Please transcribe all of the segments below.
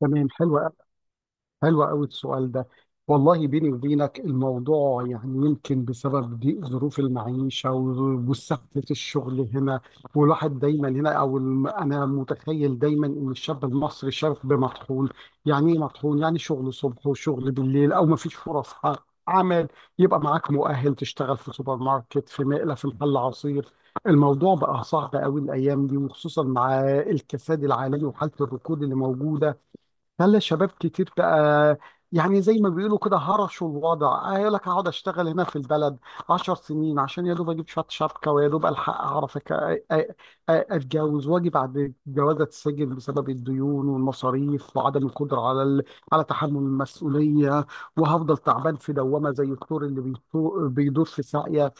تمام، حلوة قوي السؤال ده. والله بيني وبينك الموضوع يمكن بسبب ضيق ظروف المعيشة وسهلة الشغل هنا، والواحد دايما هنا أنا متخيل دايما إن الشاب المصري شاب مطحون. يعني إيه مطحون؟ يعني شغل صبح وشغل بالليل، أو مفيش فرص عمل. يبقى معاك مؤهل تشتغل في سوبر ماركت، في مقلة، في محل عصير. الموضوع بقى صعب قوي الأيام دي، وخصوصا مع الكساد العالمي وحالة الركود اللي موجودة. خلى الشباب كتير بقى، يعني زي ما بيقولوا كده هرشوا الوضع، قال لك هقعد اشتغل هنا في البلد عشر سنين عشان يا دوب اجيب شويه شبكه، ويا دوب الحق اعرف اتجوز، واجي بعد الجواز اتسجن بسبب الديون والمصاريف وعدم القدره على تحمل المسؤوليه. وهفضل تعبان في دوامه زي الثور اللي بيدور في ساقيه.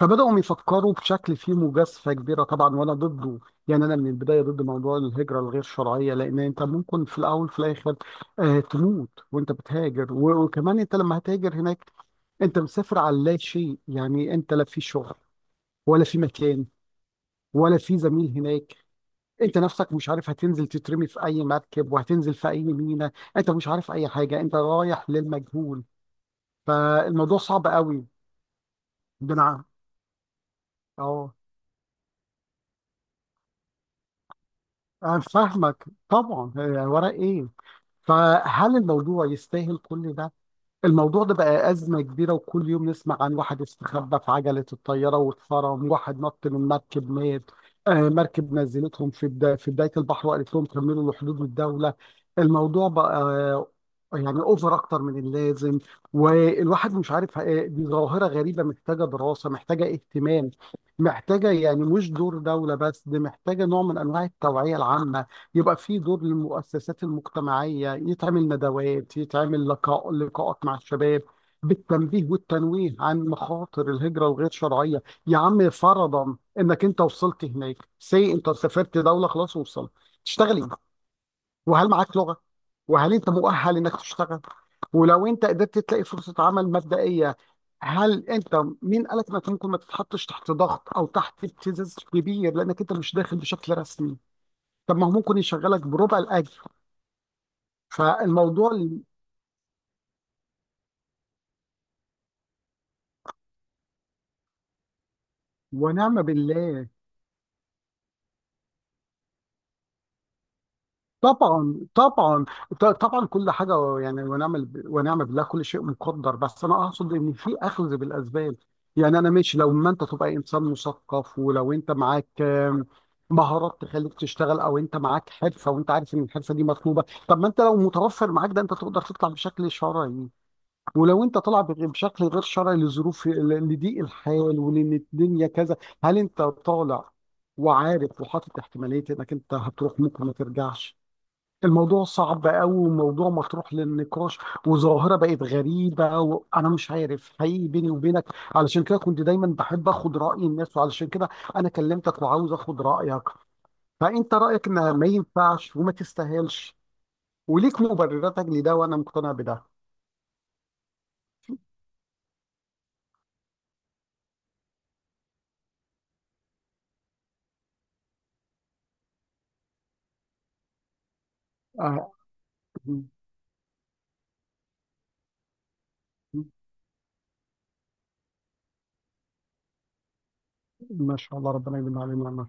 فبدأوا يفكروا بشكل فيه مجازفة كبيرة طبعا، وأنا ضده. يعني أنا من البداية ضد موضوع الهجرة الغير شرعية، لأن أنت ممكن في الأول في الآخر آه تموت وأنت بتهاجر. وكمان أنت لما هتهاجر هناك، أنت مسافر على لا شيء. يعني أنت لا في شغل، ولا في مكان، ولا في زميل هناك. أنت نفسك مش عارف هتنزل تترمي في أي مركب، وهتنزل في أي ميناء. أنت مش عارف أي حاجة، أنت رايح للمجهول. فالموضوع صعب قوي. بنعم. أه، أنا فاهمك طبعا. آه، ورق إيه؟ فهل الموضوع يستاهل كل ده؟ الموضوع ده بقى أزمة كبيرة، وكل يوم نسمع عن واحد استخبى في عجلة الطيارة واتفرم، واحد نط من مركب مات، آه مركب نزلتهم في بداية البحر، وقالت لهم كملوا لحدود الدولة. الموضوع بقى آه، يعني اوفر اكتر من اللازم. والواحد مش عارف، آه، دي ظاهرة غريبة محتاجة دراسة، محتاجة اهتمام، محتاجة يعني مش دور دولة بس، دي محتاجة نوع من انواع التوعية العامة. يبقى في دور للمؤسسات المجتمعية، يتعمل ندوات، يتعمل لقاءات مع الشباب بالتنبيه والتنويه عن مخاطر الهجرة الغير شرعية. يا عم فرضا انك انت وصلت هناك، سي انت سافرت دولة، خلاص وصلت، تشتغل ايه؟ وهل معاك لغة؟ وهل انت مؤهل انك تشتغل؟ ولو انت قدرت تلاقي فرصة عمل مبدئية، هل انت مين قالك انك ممكن ما تتحطش تحت ضغط او تحت ابتزاز كبير لانك انت مش داخل بشكل رسمي؟ طب ما هو ممكن يشغلك بربع الاجر. فالموضوع ل- ونعم بالله. طبعا طبعا، طبعا كل حاجه يعني، ونعم بالله، كل شيء مقدر، بس انا اقصد ان في اخذ بالاسباب. يعني انا ماشي لو ما انت تبقى انسان مثقف، ولو انت معاك مهارات تخليك تشتغل، او انت معاك حرفه وانت عارف ان الحرفه دي مطلوبه. طب ما انت لو متوفر معاك ده انت تقدر تطلع بشكل شرعي. ولو انت طالع بشكل غير شرعي لظروف لضيق الحال ولان الدنيا كذا، هل انت طالع وعارف وحاطط احتماليه انك انت هتروح ممكن ما ترجعش؟ الموضوع صعب قوي، وموضوع مطروح للنقاش، وظاهره بقت غريبه، وانا مش عارف حقيقي بيني وبينك. علشان كده كنت دايما بحب اخد راي الناس، وعلشان كده انا كلمتك وعاوز اخد رايك. فانت رايك ان ما ينفعش وما تستاهلش، وليك مبرراتك لده وانا مقتنع بده. آه. ما شاء الله، ربنا يديم عليه نعمه.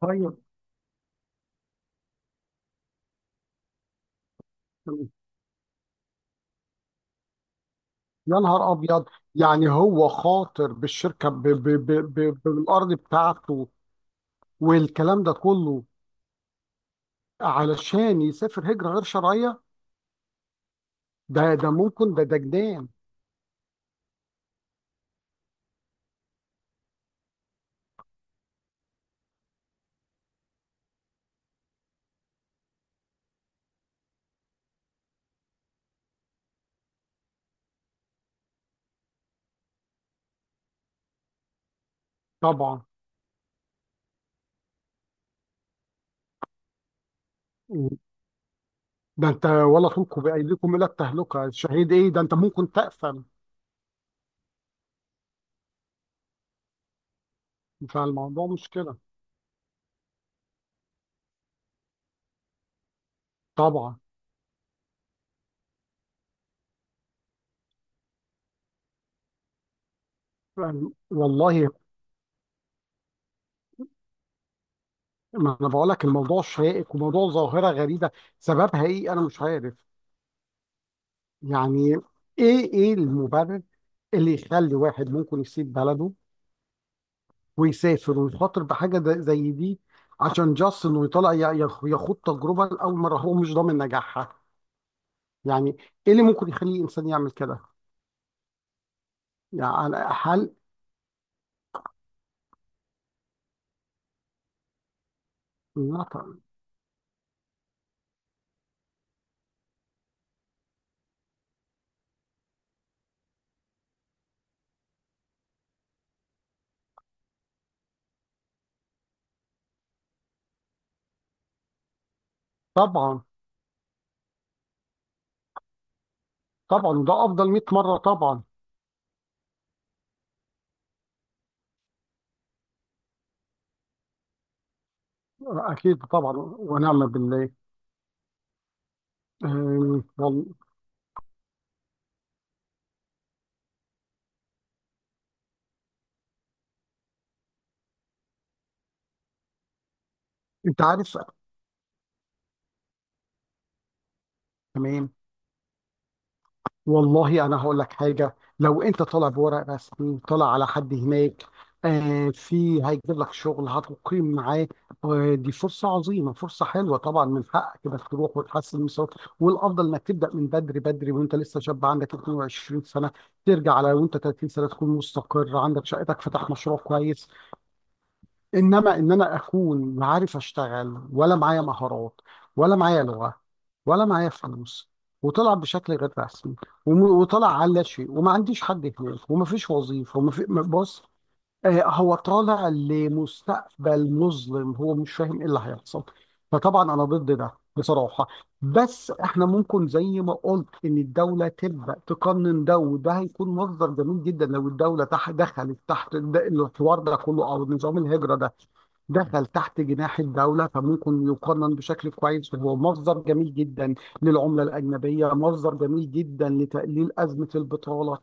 طيب. يا نهار ابيض! يعني هو خاطر بالشركه، ب ب ب ب بالارض بتاعته والكلام ده كله علشان يسافر هجره غير شرعيه؟ ده ممكن، ده جنان. طبعا، ده انت ولا تلقوا بايديكم الى التهلكه، شهيد ايه، ده انت ممكن تقفل. فالموضوع مش كده. طبعا. يعني والله ما انا بقول لك الموضوع شائك، وموضوع ظاهره غريبه، سببها ايه انا مش عارف. يعني ايه المبرر اللي يخلي واحد ممكن يسيب بلده ويسافر ويخاطر بحاجه زي دي؟ عشان جاست انه يطلع يخوض تجربه لاول مره هو مش ضامن نجاحها؟ يعني ايه اللي ممكن يخلي انسان يعمل كده؟ يعني هل لا ط- طبعا طبعا ده افضل 100 مره طبعا. اكيد طبعا، ونعم بالله. أم، وال- انت عارف، تمام. والله انا هقول لك حاجه، لو انت طالع بورق رسمي، طالع على حد هناك آه في هيجيب لك شغل، هتقيم معاه، آه دي فرصه عظيمه، فرصه حلوه، طبعا من حقك انك تروح وتحسن من صوتك، والافضل انك تبدا من بدري بدري وانت لسه شاب عندك 22 سنه، ترجع على وانت 30 سنه تكون مستقر، عندك شقتك، فتح مشروع كويس. انما ان انا اكون لا عارف اشتغل، ولا معايا مهارات، ولا معايا لغه، ولا معايا فلوس، وطلع بشكل غير رسمي، وطلع على لا شيء، وما عنديش حد هناك، وما فيش وظيفه، وما في بص، آه، هو طالع لمستقبل مظلم، هو مش فاهم ايه اللي هيحصل. فطبعا انا ضد ده بصراحه. بس احنا ممكن زي ما قلت ان الدوله تبدا تقنن ده، وده هيكون مصدر جميل جدا لو الدوله دخلت تحت الحوار ده كله، او نظام الهجره ده دخل تحت جناح الدولة، فممكن يقنن بشكل كويس، وهو مصدر جميل جدا للعملة الأجنبية، مصدر جميل جدا لتقليل أزمة البطالة،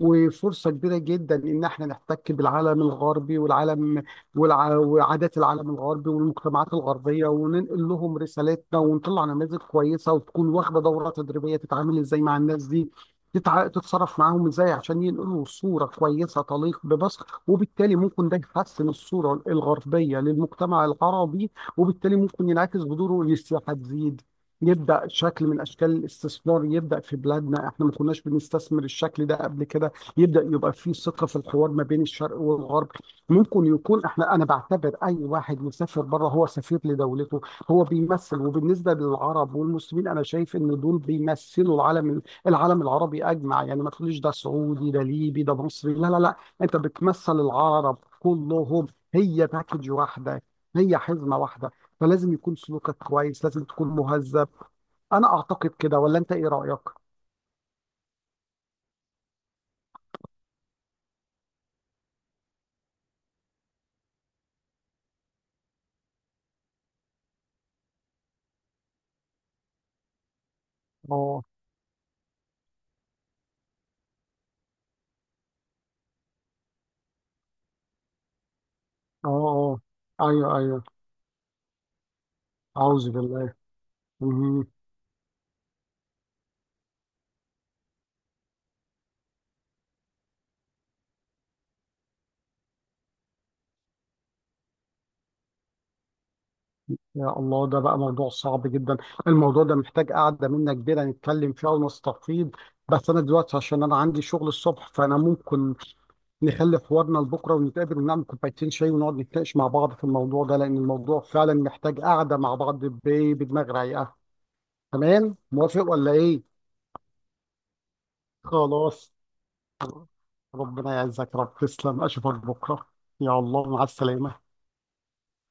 وفرصة كبيرة جدا إن إحنا نحتك بالعالم الغربي وعادات العالم الغربي والمجتمعات الغربية، وننقل لهم رسالتنا، ونطلع نماذج كويسة، وتكون واخدة دورة تدريبية تتعامل إزاي مع الناس دي، تتصرف معاهم إزاي، عشان ينقلوا صورة كويسة تليق بمصر. وبالتالي ممكن ده يحسن الصورة الغربية للمجتمع العربي، وبالتالي ممكن ينعكس بدوره إن السياحة تزيد، يبدأ شكل من أشكال الاستثمار يبدأ في بلادنا، إحنا ما كناش بنستثمر الشكل ده قبل كده، يبدأ يبقى في ثقة في الحوار ما بين الشرق والغرب. ممكن يكون احنا، انا بعتبر اي واحد مسافر بره هو سفير لدولته، هو بيمثل، وبالنسبة للعرب والمسلمين انا شايف ان دول بيمثلوا العالم العربي اجمع. يعني ما تقوليش ده سعودي، ده ليبي، ده مصري، لا لا لا، انت بتمثل العرب كلهم، هي باكج واحدة، هي حزمة واحدة، فلازم يكون سلوكك كويس، لازم تكون مهذب. انا اعتقد كده، ولا انت ايه رأيك؟ اه، اه، اه، ايوه ايوه. أعوذ بالله. مهم. يا الله، ده بقى موضوع صعب جدا. الموضوع ده محتاج قعدة منا كبيرة نتكلم فيها ونستفيض، بس أنا دلوقتي عشان أنا عندي شغل الصبح، فأنا ممكن نخلي حوارنا لبكرة، ونتقابل ونعمل كوبايتين شاي ونقعد نتناقش مع بعض في الموضوع ده، لأن الموضوع فعلا محتاج قعدة مع بعض بدماغ رايقة. تمام، موافق ولا إيه؟ خلاص، ربنا يعزك يا رب، تسلم، أشوفك بكرة، يا الله، مع السلامة.